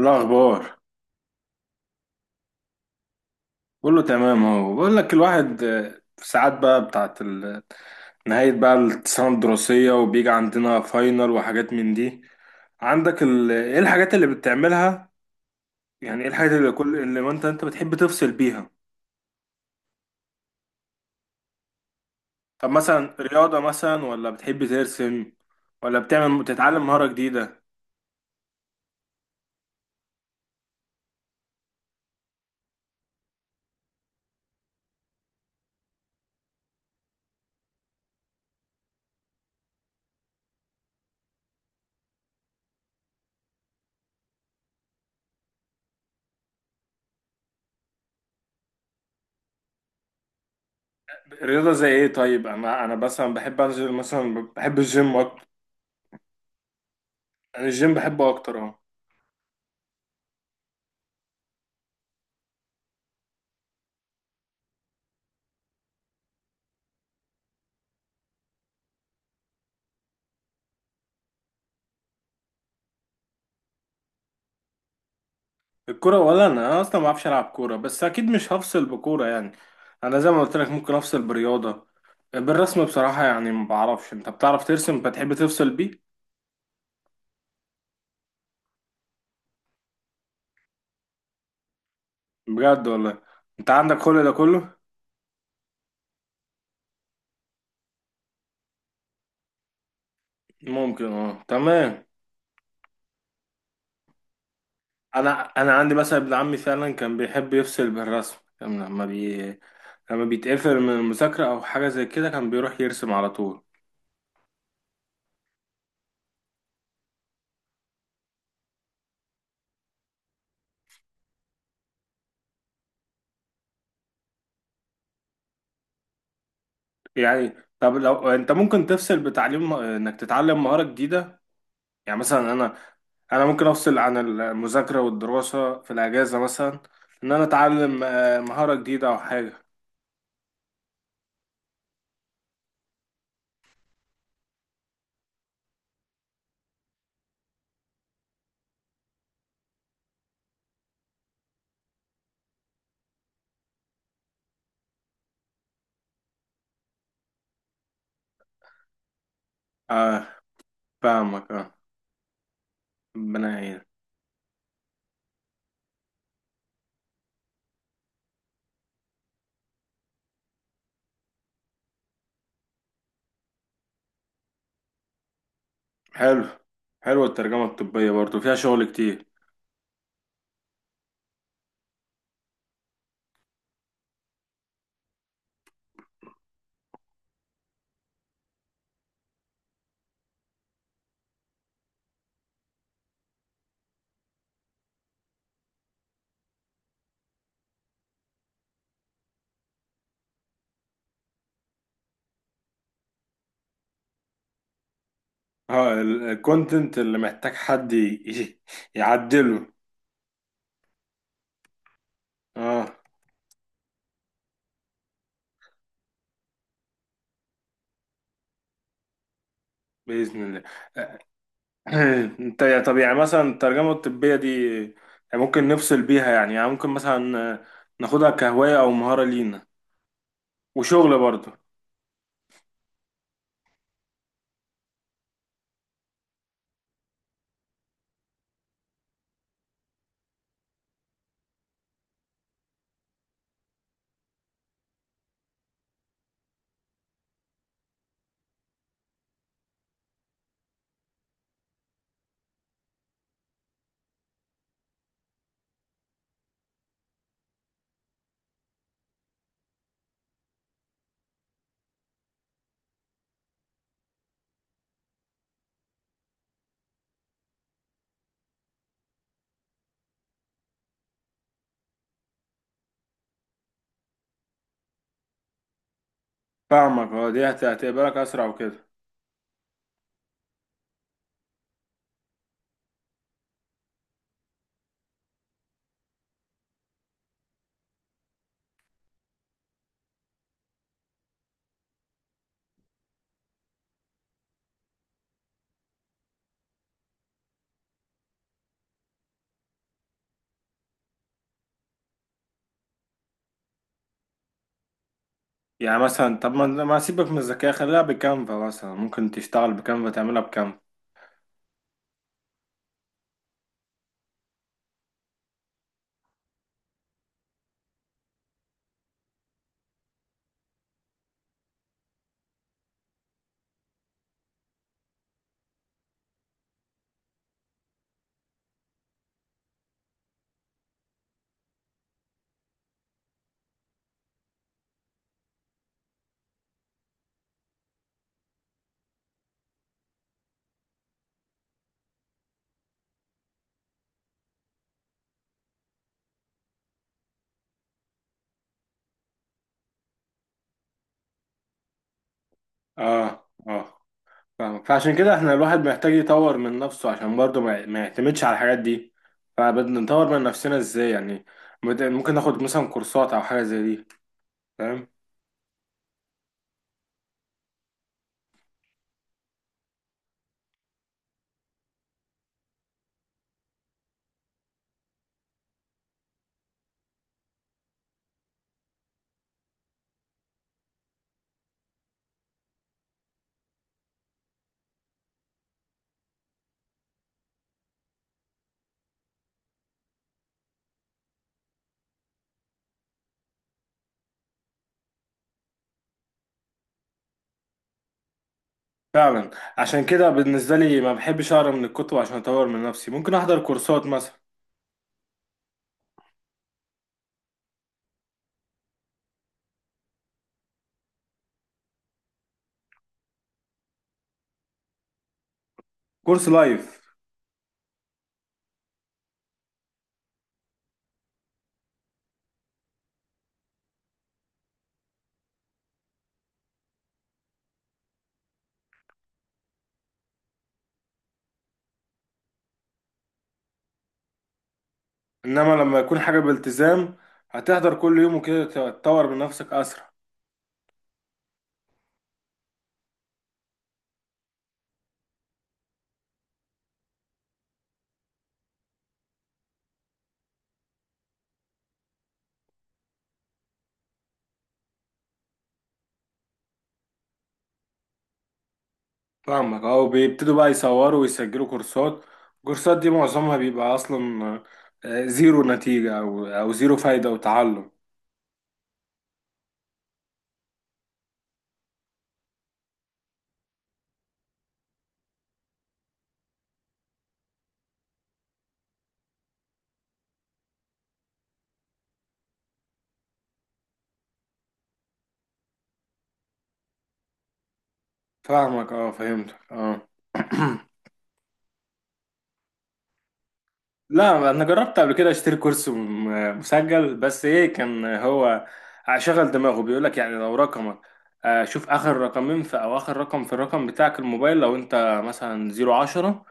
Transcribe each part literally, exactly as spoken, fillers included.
الأخبار. كله تمام أهو، بقول لك الواحد آه، في ساعات بقى بتاعت ال- نهاية بقى السنة الدراسية، وبيجي عندنا فاينل وحاجات من دي. عندك ال... إيه الحاجات اللي بتعملها؟ يعني إيه الحاجات اللي كل اللي أنت أنت بتحب تفصل بيها؟ طب مثلا رياضة مثلا، ولا بتحب ترسم، ولا بتعمل تتعلم مهارة جديدة؟ رياضة زي إيه؟ طيب أنا أنا مثلا بحب أنزل، مثلا بحب الجيم أكتر. أنا الجيم بحبه أكتر أهو. الكرة؟ ولا انا انا اصلا ما بعرفش العب كورة، بس اكيد مش هفصل بكورة يعني. انا زي ما قلت لك ممكن افصل برياضة. بالرسم بصراحة يعني ما بعرفش، انت بتعرف ترسم؟ بتحب تفصل بيه؟ بجد والله؟ انت عندك كل ده كله؟ ممكن، اه، تمام. انا انا عندي مثلا ابن عمي فعلا كان بيحب يفصل بالرسم، كان لما بي لما بيتقفل من المذاكرة او حاجة زي كده كان بيروح يرسم على طول. يعني طب لو انت ممكن تفصل بتعليم، انك تتعلم مهارة جديدة. يعني مثلا انا، انا ممكن افصل عن المذاكره والدراسه في الاجازه مثلا. ان انا اتعلم آه، مهاره جديده او حاجه. اه، فاهمك، اه. ربنا يعين. حلو. حلوه الترجمه الطبيه برضو، فيها شغل كتير. اه، الكونتنت اللي محتاج حد ي- يعدله. اه. باذن الله. انت يا- طب يعني مثلا الترجمه الطبيه دي يعني ممكن نفصل بيها يعني, يعني ممكن مثلا آه، ناخدها كهوايه او مهاره لينا، وشغل برضو. فاهمك اه، دي هت- هتقبلك اسرع وكده. يعني مثلا طب ما ما سيبك من الذكاء، خليها بكانفا مثلا، ممكن تشتغل بكانفا، تعملها بكانفا. اه، اه، فاهم. فعشان كده احنا الواحد محتاج يطور من نفسه عشان برضه ما ما يعتمدش على الحاجات دي. فبدنا نطور من نفسنا ازاي يعني؟ بد- ممكن ناخد مثلا كورسات او حاجة زي دي؟ فاهم؟ فعلا. عشان كده بالنسبة لي ما بحبش اقرا من الكتب، عشان اطور من نفسي ممكن احضر كورسات مثلا. كورس لايف. انما لما يكون حاجة بالتزام، هتحضر كل يوم وكده، تطور من نفسك اسرع. فاهمك اه. وبيبتدوا بقى يصوروا ويسجلوا كورسات. الكورسات دي معظمها بيبقى اصلا آه، زيرو نتيجة، او او زيرو فايدة وتعلم. فاهمك اه. فهمتك اه. لا، انا جربت قبل كده اشتري كورس م- مسجل، بس ايه، كان هو شغل دماغه، بيقول لك يعني لو رقمك آه، شوف اخر رقمين في، او اخر رقم في الرقم بتاعك، الموبايل، لو انت مثلا زيرو عشرة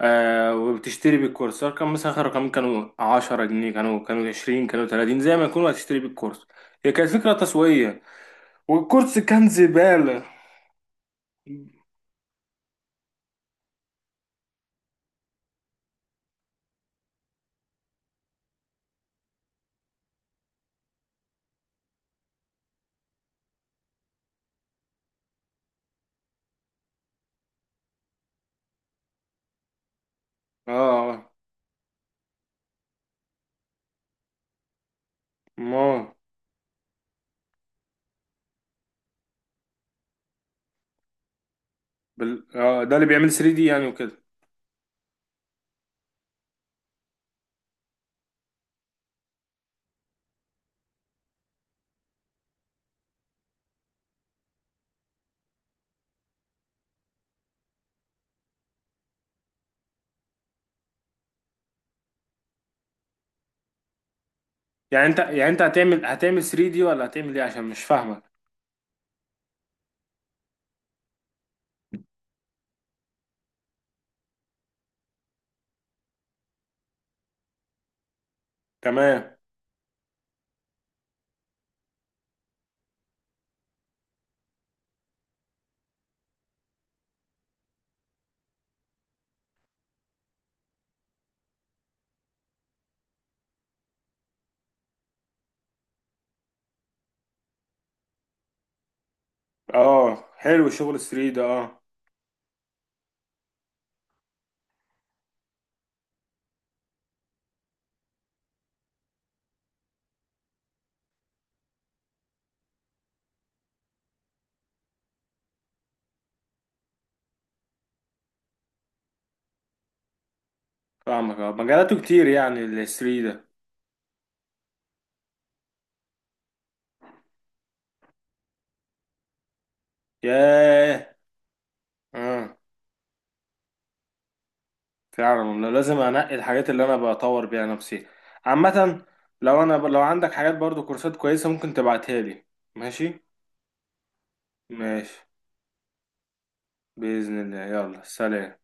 آه، وبتشتري بالكورس رقم، مثلا اخر رقمين كانوا عشرة جنيه، كانوا، كانوا عشرين، كانوا تلاتين، زي ما يكونوا هتشتري بالكورس. هي كانت فكرة تسويقية، والكورس كان زبالة. اه. آه، ما بال... اه، ده اللي بيعمل ثري دي يعني وكده. يعني انت، يعني انت هتعمل، هتعمل ثري دي، ولا هتعمل ايه؟ عشان مش فاهمك. تمام. اه، حلو، شغل ثري ده اه. فاهمك اه، مجالاته كتير يعني ال ثري ده. ياه. اه، فعلا والله، لازم انقي الحاجات اللي انا بطور بيها نفسي عامة. لو انا ب... لو عندك حاجات برضو كورسات كويسة ممكن تبعتها لي. ماشي. ماشي. بإذن الله، يلا سلام.